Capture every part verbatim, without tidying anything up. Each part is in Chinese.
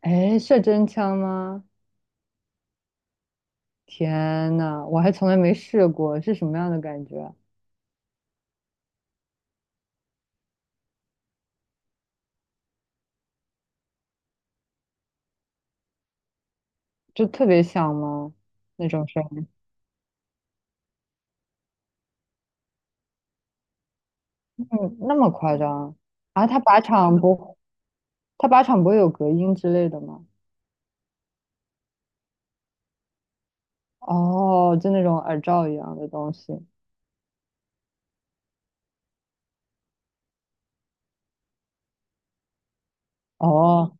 哎，是真枪吗？天呐，我还从来没试过，是什么样的感觉？就特别响吗？那种声音？嗯，那么夸张？啊，他靶场不，他靶场不会有隔音之类的吗？哦，就那种耳罩一样的东西。哦，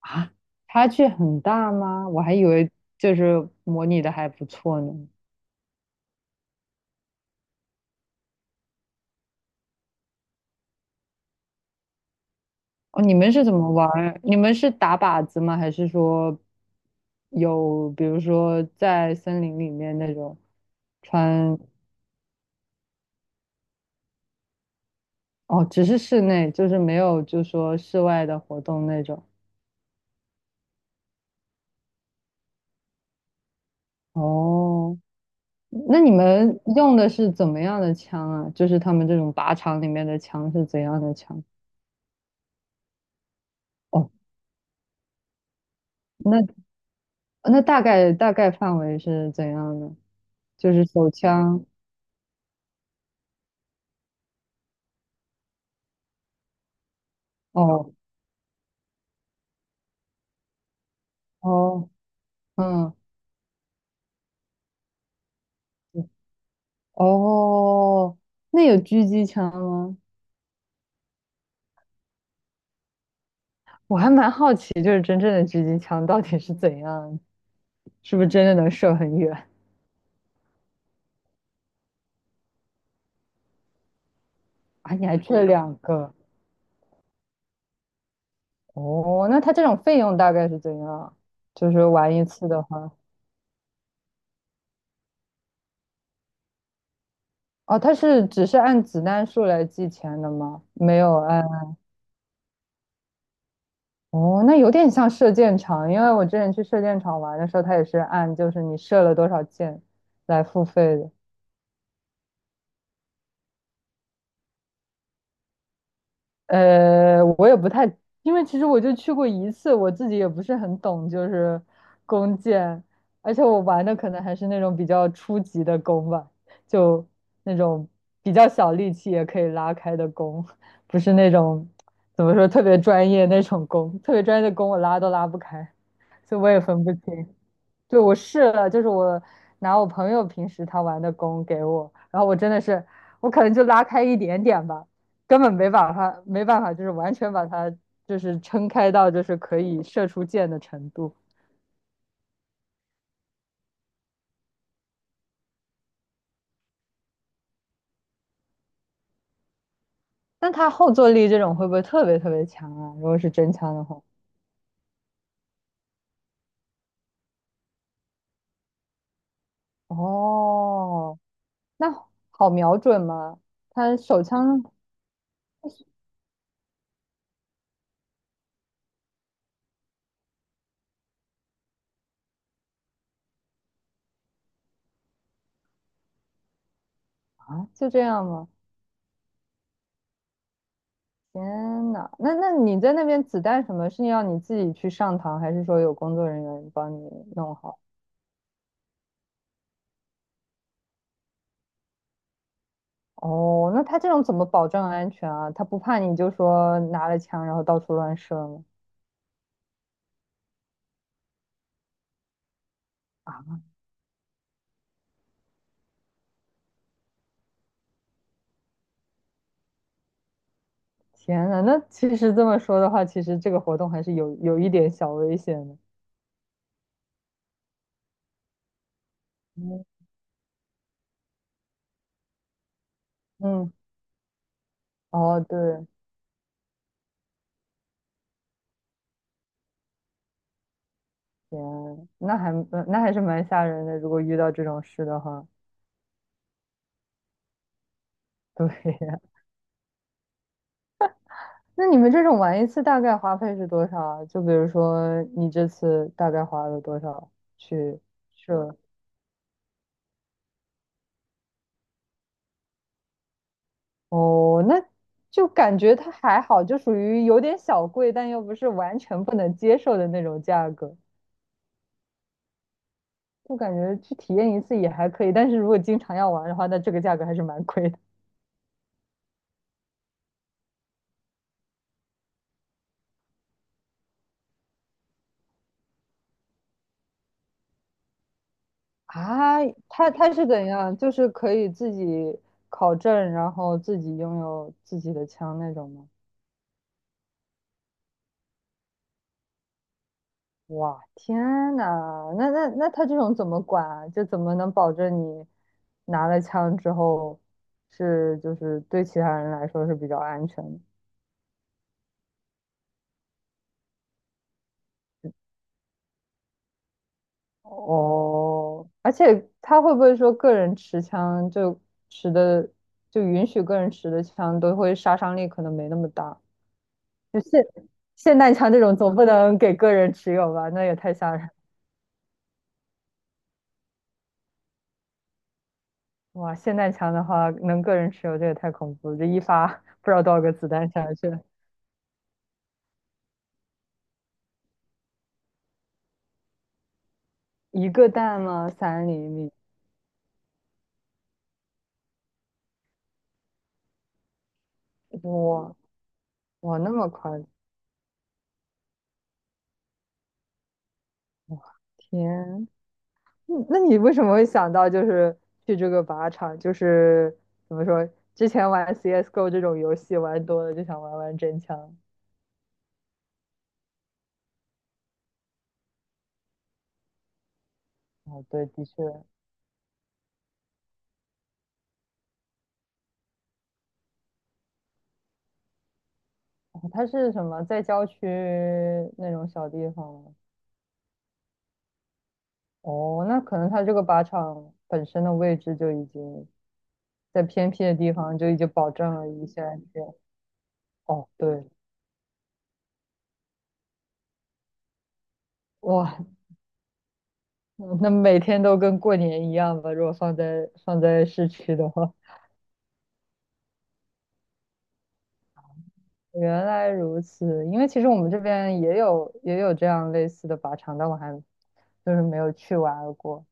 啊，差距很大吗？我还以为就是模拟的还不错呢。哦，你们是怎么玩儿？你们是打靶子吗？还是说有，比如说在森林里面那种？穿，哦，只是室内，就是没有就说室外的活动那种。哦，那你们用的是怎么样的枪啊？就是他们这种靶场里面的枪是怎样的枪？哦，那那大概大概范围是怎样的？就是手枪。哦哦，嗯，哦，那有狙击枪吗？我还蛮好奇，就是真正的狙击枪到底是怎样，是不是真的能射很远？啊，你还这两个？哦，那它这种费用大概是怎样？就是玩一次的话，哦，它是只是按子弹数来计钱的吗？没有按，哦，那有点像射箭场，因为我之前去射箭场玩的时候，它也是按就是你射了多少箭来付费的。呃，我也不太，因为其实我就去过一次，我自己也不是很懂，就是弓箭，而且我玩的可能还是那种比较初级的弓吧，就那种比较小力气也可以拉开的弓，不是那种怎么说特别专业那种弓，特别专业的弓我拉都拉不开，所以我也分不清。对，我试了，就是我拿我朋友平时他玩的弓给我，然后我真的是，我可能就拉开一点点吧，根本没把它没办法，就是完全把它就是撑开到就是可以射出箭的程度。那它后坐力这种会不会特别特别强啊？如果是真枪的话，哦，那好瞄准吗？它手枪啊，就这样吗？天呐，那那你在那边子弹什么是要你自己去上膛，还是说有工作人员帮你弄好？哦，那他这种怎么保证安全啊？他不怕你就说拿了枪然后到处乱射吗？啊，天呐，那其实这么说的话，其实这个活动还是有有一点小危险的。嗯嗯，哦对，天，那还呃那还是蛮吓人的。如果遇到这种事的话，对呀那你们这种玩一次大概花费是多少啊？就比如说你这次大概花了多少去射？哦，那就感觉它还好，就属于有点小贵，但又不是完全不能接受的那种价格。就感觉去体验一次也还可以，但是如果经常要玩的话，那这个价格还是蛮贵的啊。它它是怎样？就是可以自己考证，然后自己拥有自己的枪那种吗？哇，天呐，那那那他这种怎么管啊？就怎么能保证你拿了枪之后是就是对其他人来说是比较安全的？哦，而且他会不会说个人持枪就持的就允许个人持的枪都会杀伤力可能没那么大？霰弹枪这种总不能给个人持有吧？那也太吓人了哇，霰弹枪的话能个人持有，这也太恐怖了！这一发不知道多少个子弹下去了一个弹吗？三厘米？哇哇，那么宽，天，嗯那你为什么会想到就是去这个靶场？就是怎么说，之前玩 C S:G O 这种游戏玩多了，就想玩玩真枪。哦，对，的确，哦它是什么在郊区那种小地方吗哦，那可能它这个靶场本身的位置就已经在偏僻的地方，就已经保证了一些安全。哦，对，哇，那每天都跟过年一样吧？如果放在放在市区的话，原来如此，因为其实我们这边也有也有这样类似的靶场，但我还就是没有去玩过。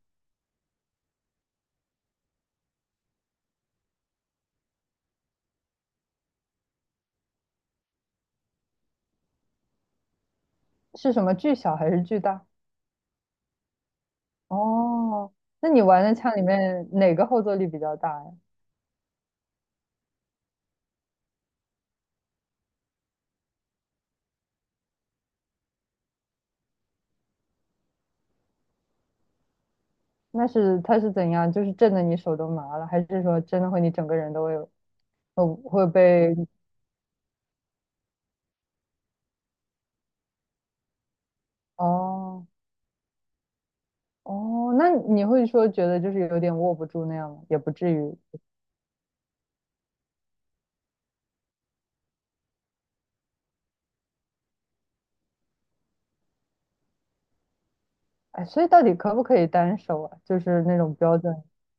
是什么巨小还是巨大？哦，那你玩的枪里面哪个后坐力比较大呀？那是它是怎样？就是震得你手都麻了，还是说真的会你整个人都会有会会被 哦哦，那你会说觉得就是有点握不住那样吗？也不至于。哎，所以到底可不可以单手啊？就是那种标准，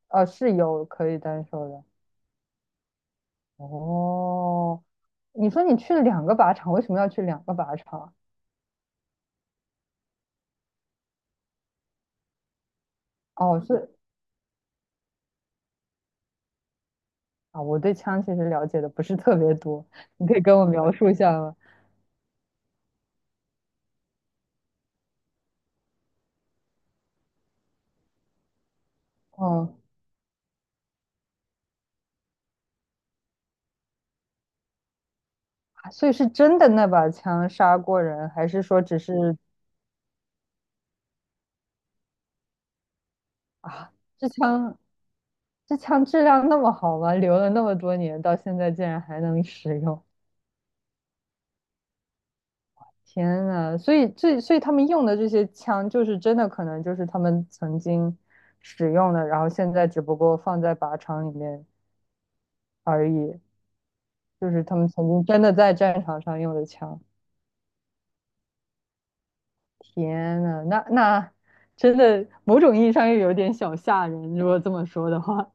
哦，是有可以单手的。哦，你说你去了两个靶场，为什么要去两个靶场？哦，是啊，我对枪其实了解的不是特别多，你可以跟我描述一下吗？哦，啊所以是真的那把枪杀过人，还是说只是啊，这枪这枪质量那么好吗？留了那么多年，到现在竟然还能使用，天呐，所以这所以他们用的这些枪，就是真的可能就是他们曾经使用的，然后现在只不过放在靶场里面而已。就是他们曾经真的在战场上用的枪。天呐，那那真的某种意义上又有点小吓人，如果这么说的话。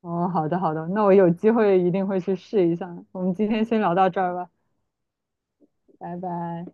哦，好的好的，那我有机会一定会去试一下。我们今天先聊到这儿吧，拜拜。